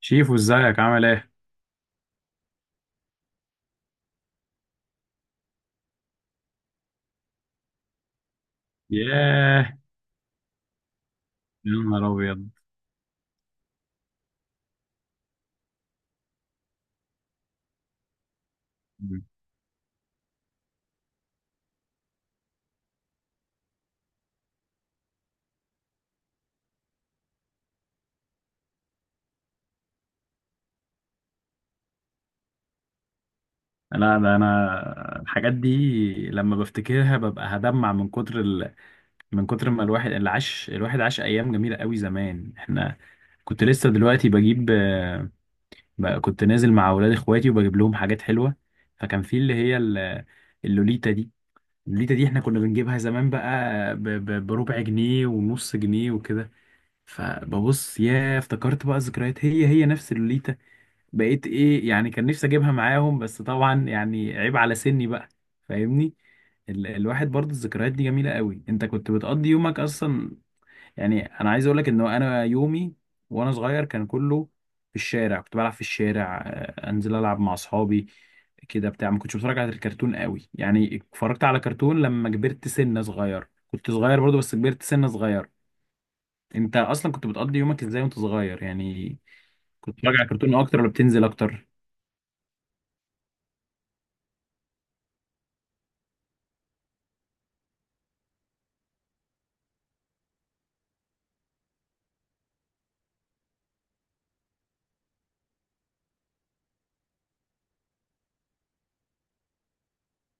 شيفو، ازيك؟ عامل ايه؟ ياه. يا نهار ابيض. لا ده انا الحاجات دي لما بفتكرها ببقى هدمع من كتر من كتر ما الواحد اللي عاش. الواحد عاش ايام جميله قوي زمان. احنا كنت لسه دلوقتي بجيب، بقى كنت نازل مع اولاد اخواتي وبجيب لهم حاجات حلوه. فكان في اللي اللوليتا دي. اللوليتا دي احنا كنا بنجيبها زمان بقى بربع جنيه ونص جنيه وكده. فببص، ياه، افتكرت بقى ذكريات. هي نفس اللوليتا. بقيت ايه يعني، كان نفسي اجيبها معاهم، بس طبعا يعني عيب على سني بقى. فاهمني. الواحد برضه الذكريات دي جميلة قوي. انت كنت بتقضي يومك اصلا؟ يعني انا عايز اقولك ان انا يومي وانا صغير كان كله في الشارع. كنت بلعب في الشارع، انزل العب مع اصحابي كده بتاع. ما كنتش بتفرج على الكرتون قوي، يعني اتفرجت على كرتون لما كبرت سنة صغير. كنت صغير برضه بس كبرت سنة صغير. انت اصلا كنت بتقضي يومك ازاي وانت صغير يعني؟ كنت بتتفرج على كرتون اكتر ولا بتنزل اكتر؟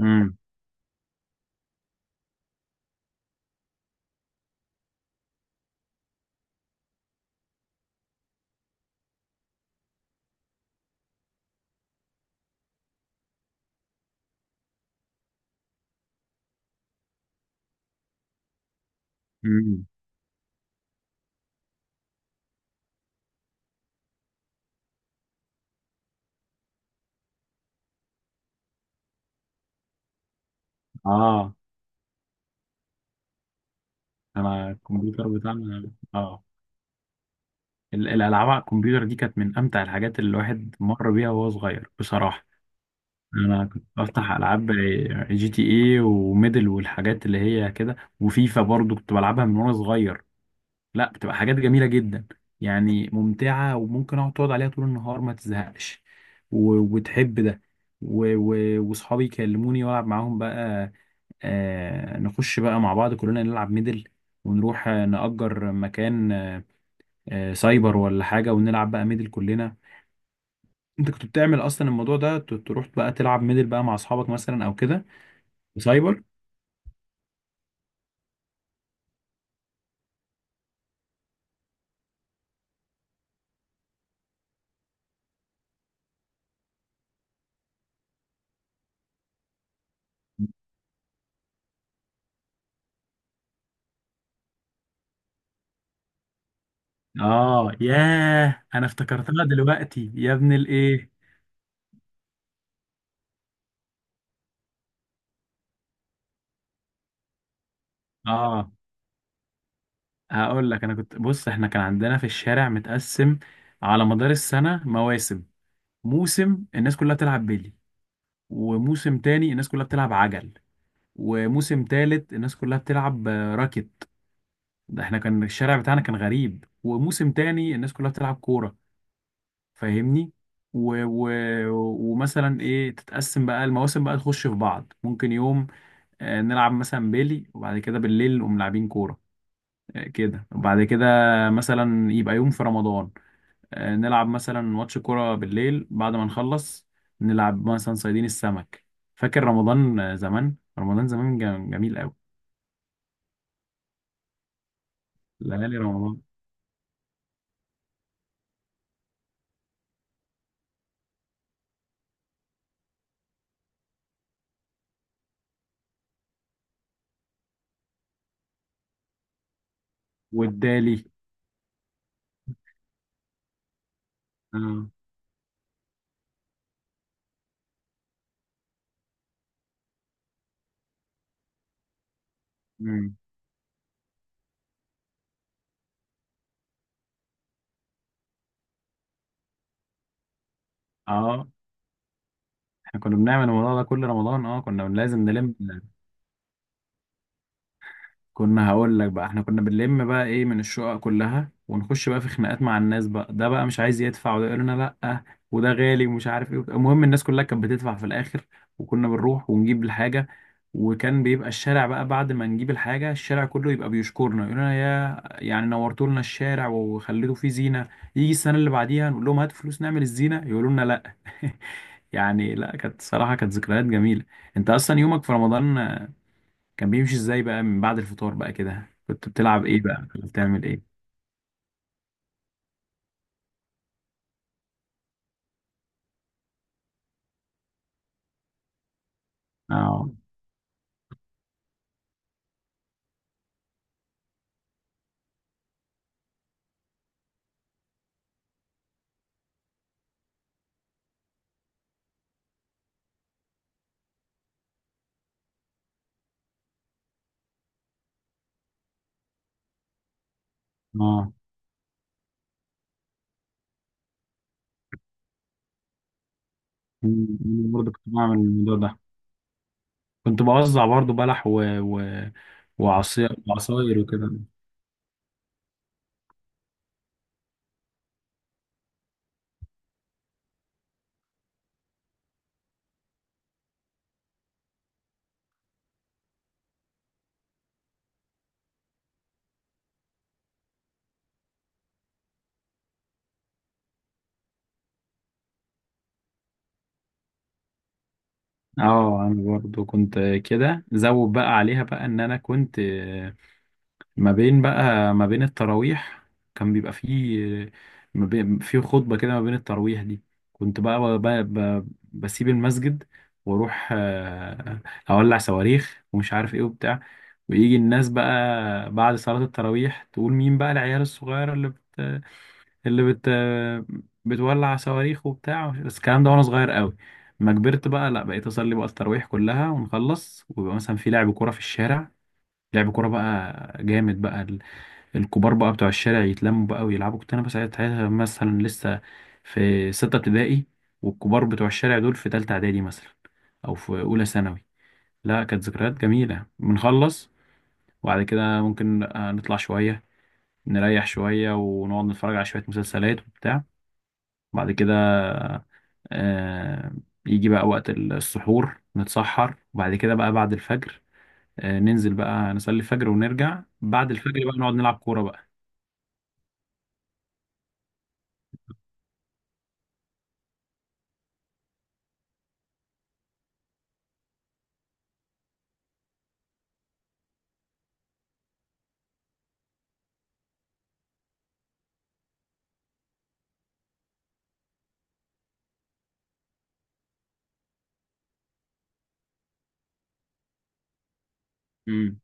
امم. امم. اه، انا الكمبيوتر بتاعنا اه. الالعاب على الكمبيوتر دي كانت من امتع الحاجات اللي الواحد مر بيها وهو صغير بصراحه. انا كنت بفتح العاب جي تي اي وميدل والحاجات اللي هي كده، وفيفا برضو كنت بلعبها من وانا صغير. لا، بتبقى حاجات جميله جدا، يعني ممتعه. وممكن اقعد تقعد عليها طول النهار ما تزهقش، وتحب ده. واصحابي يكلموني والعب معاهم بقى. نخش بقى مع بعض كلنا نلعب ميدل، ونروح نأجر مكان، سايبر ولا حاجة، ونلعب بقى ميدل كلنا. انت كنت بتعمل اصلا الموضوع ده؟ تروح بقى تلعب ميدل بقى مع اصحابك مثلا او كده في سايبر؟ اه، ياه، انا افتكرتها دلوقتي يا ابن الايه. اه، هقول لك. انا كنت بص، احنا كان عندنا في الشارع متقسم على مدار السنة مواسم. موسم الناس كلها بتلعب بيلي، وموسم تاني الناس كلها بتلعب عجل، وموسم تالت الناس كلها بتلعب راكت. ده احنا كان الشارع بتاعنا كان غريب. وموسم تاني الناس كلها بتلعب كورة، فاهمني؟ و... و... ومثلا ايه، تتقسم بقى المواسم بقى، تخش في بعض. ممكن يوم نلعب مثلا بيلي، وبعد كده بالليل نقوم لاعبين كورة، كده. وبعد كده مثلا يبقى يوم في رمضان، نلعب مثلا ماتش كورة بالليل، بعد ما نخلص نلعب مثلا صيادين السمك. فاكر رمضان، زمان؟ رمضان زمان كان جميل قوي. ليالي رمضان والدالي. اه. مم. اه، احنا كنا بنعمل الموضوع ده كل رمضان. اه كنا لازم نلم. كنا، هقول لك بقى، احنا كنا بنلم بقى ايه من الشقق كلها، ونخش بقى في خناقات مع الناس. بقى ده بقى مش عايز يدفع، وده يقول لنا لا، وده غالي ومش عارف ايه. المهم الناس كلها كانت بتدفع في الاخر، وكنا بنروح ونجيب الحاجة. وكان بيبقى الشارع بقى بعد ما نجيب الحاجة الشارع كله يبقى بيشكرنا، يقول لنا يا، يعني نورتوا لنا الشارع وخليتوا فيه زينة. يجي السنة اللي بعديها نقول لهم هاتوا فلوس نعمل الزينة، يقولوا لنا لا. يعني لا، كانت صراحة كانت ذكريات جميلة. انت اصلا يومك في رمضان كان بيمشي ازاي بقى؟ من بعد الفطار بقى كده كنت بتلعب ايه بقى؟ كنت بتعمل ايه؟ اه. اه. أمم، برضه كنت بعمل الموضوع ده. كنت بوزع برضه بلح وعصير وعصاير وكده. اه، انا برضه كنت كده، زود بقى عليها بقى ان انا كنت ما بين بقى ما بين التراويح كان بيبقى فيه، ما بين في خطبة كده ما بين التراويح دي، كنت بقى بسيب المسجد واروح اولع صواريخ ومش عارف ايه وبتاع. ويجي الناس بقى بعد صلاة التراويح تقول مين بقى العيال الصغيرة اللي بت بتولع صواريخ وبتاع. بس الكلام ده وانا صغير قوي. ما كبرت بقى لا بقيت اصلي بقى التراويح كلها، ونخلص ويبقى مثلا في لعب كورة في الشارع. لعب كورة بقى جامد بقى. الكبار بقى بتوع الشارع يتلموا بقى ويلعبوا. كنت انا بس ساعتها مثلا لسه في ستة ابتدائي، والكبار بتوع الشارع دول في تالتة اعدادي مثلا، او في اولى ثانوي. لا كانت ذكريات جميلة. بنخلص وبعد كده ممكن نطلع شوية، نريح شوية، ونقعد نتفرج على شوية مسلسلات وبتاع. بعد كده آه، يجي بقى وقت السحور، نتسحر. وبعد كده بقى بعد الفجر ننزل بقى نصلي الفجر، ونرجع بعد الفجر بقى نقعد نلعب كورة بقى. امم.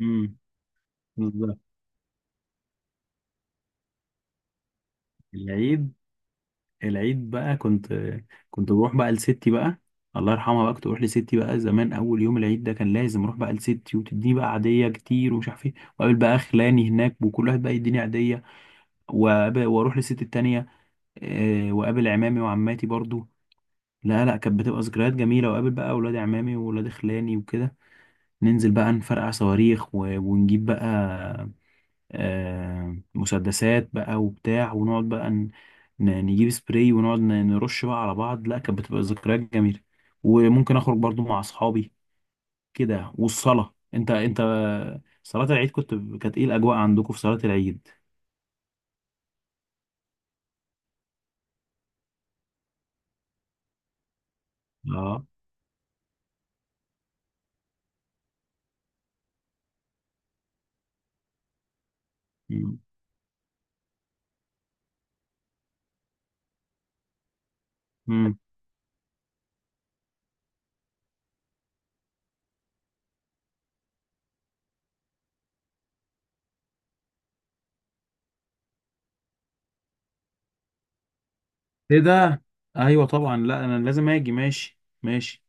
امم. العيد؟ العيد بقى كنت، كنت بروح بقى لستي بقى، الله يرحمها. بقى كنت بروح لستي بقى زمان. اول يوم العيد ده كان لازم اروح بقى لستي وتديني بقى عاديه كتير ومش عارف ايه، واقابل بقى خلاني هناك وكل واحد بقى يديني عاديه. واروح لستي التانيه، واقابل عمامي وعماتي برضو. لا لا، كانت بتبقى ذكريات جميله. واقابل بقى اولاد عمامي واولاد خلاني وكده. ننزل بقى نفرقع صواريخ، ونجيب بقى مسدسات بقى وبتاع. ونقعد بقى نجيب سبراي، ونقعد نرش بقى على بعض. لا كانت بتبقى ذكريات جميلة. وممكن اخرج برضو مع اصحابي كده. والصلاة، انت صلاة العيد كنت، كانت ايه الاجواء عندكم في صلاة العيد؟ اه. مم. مم. ايه ده؟ ايوه طبعا، لا انا لازم اجي. ماشي ماشي.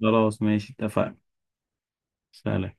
خلاص ماشي، اتفقنا. سلام.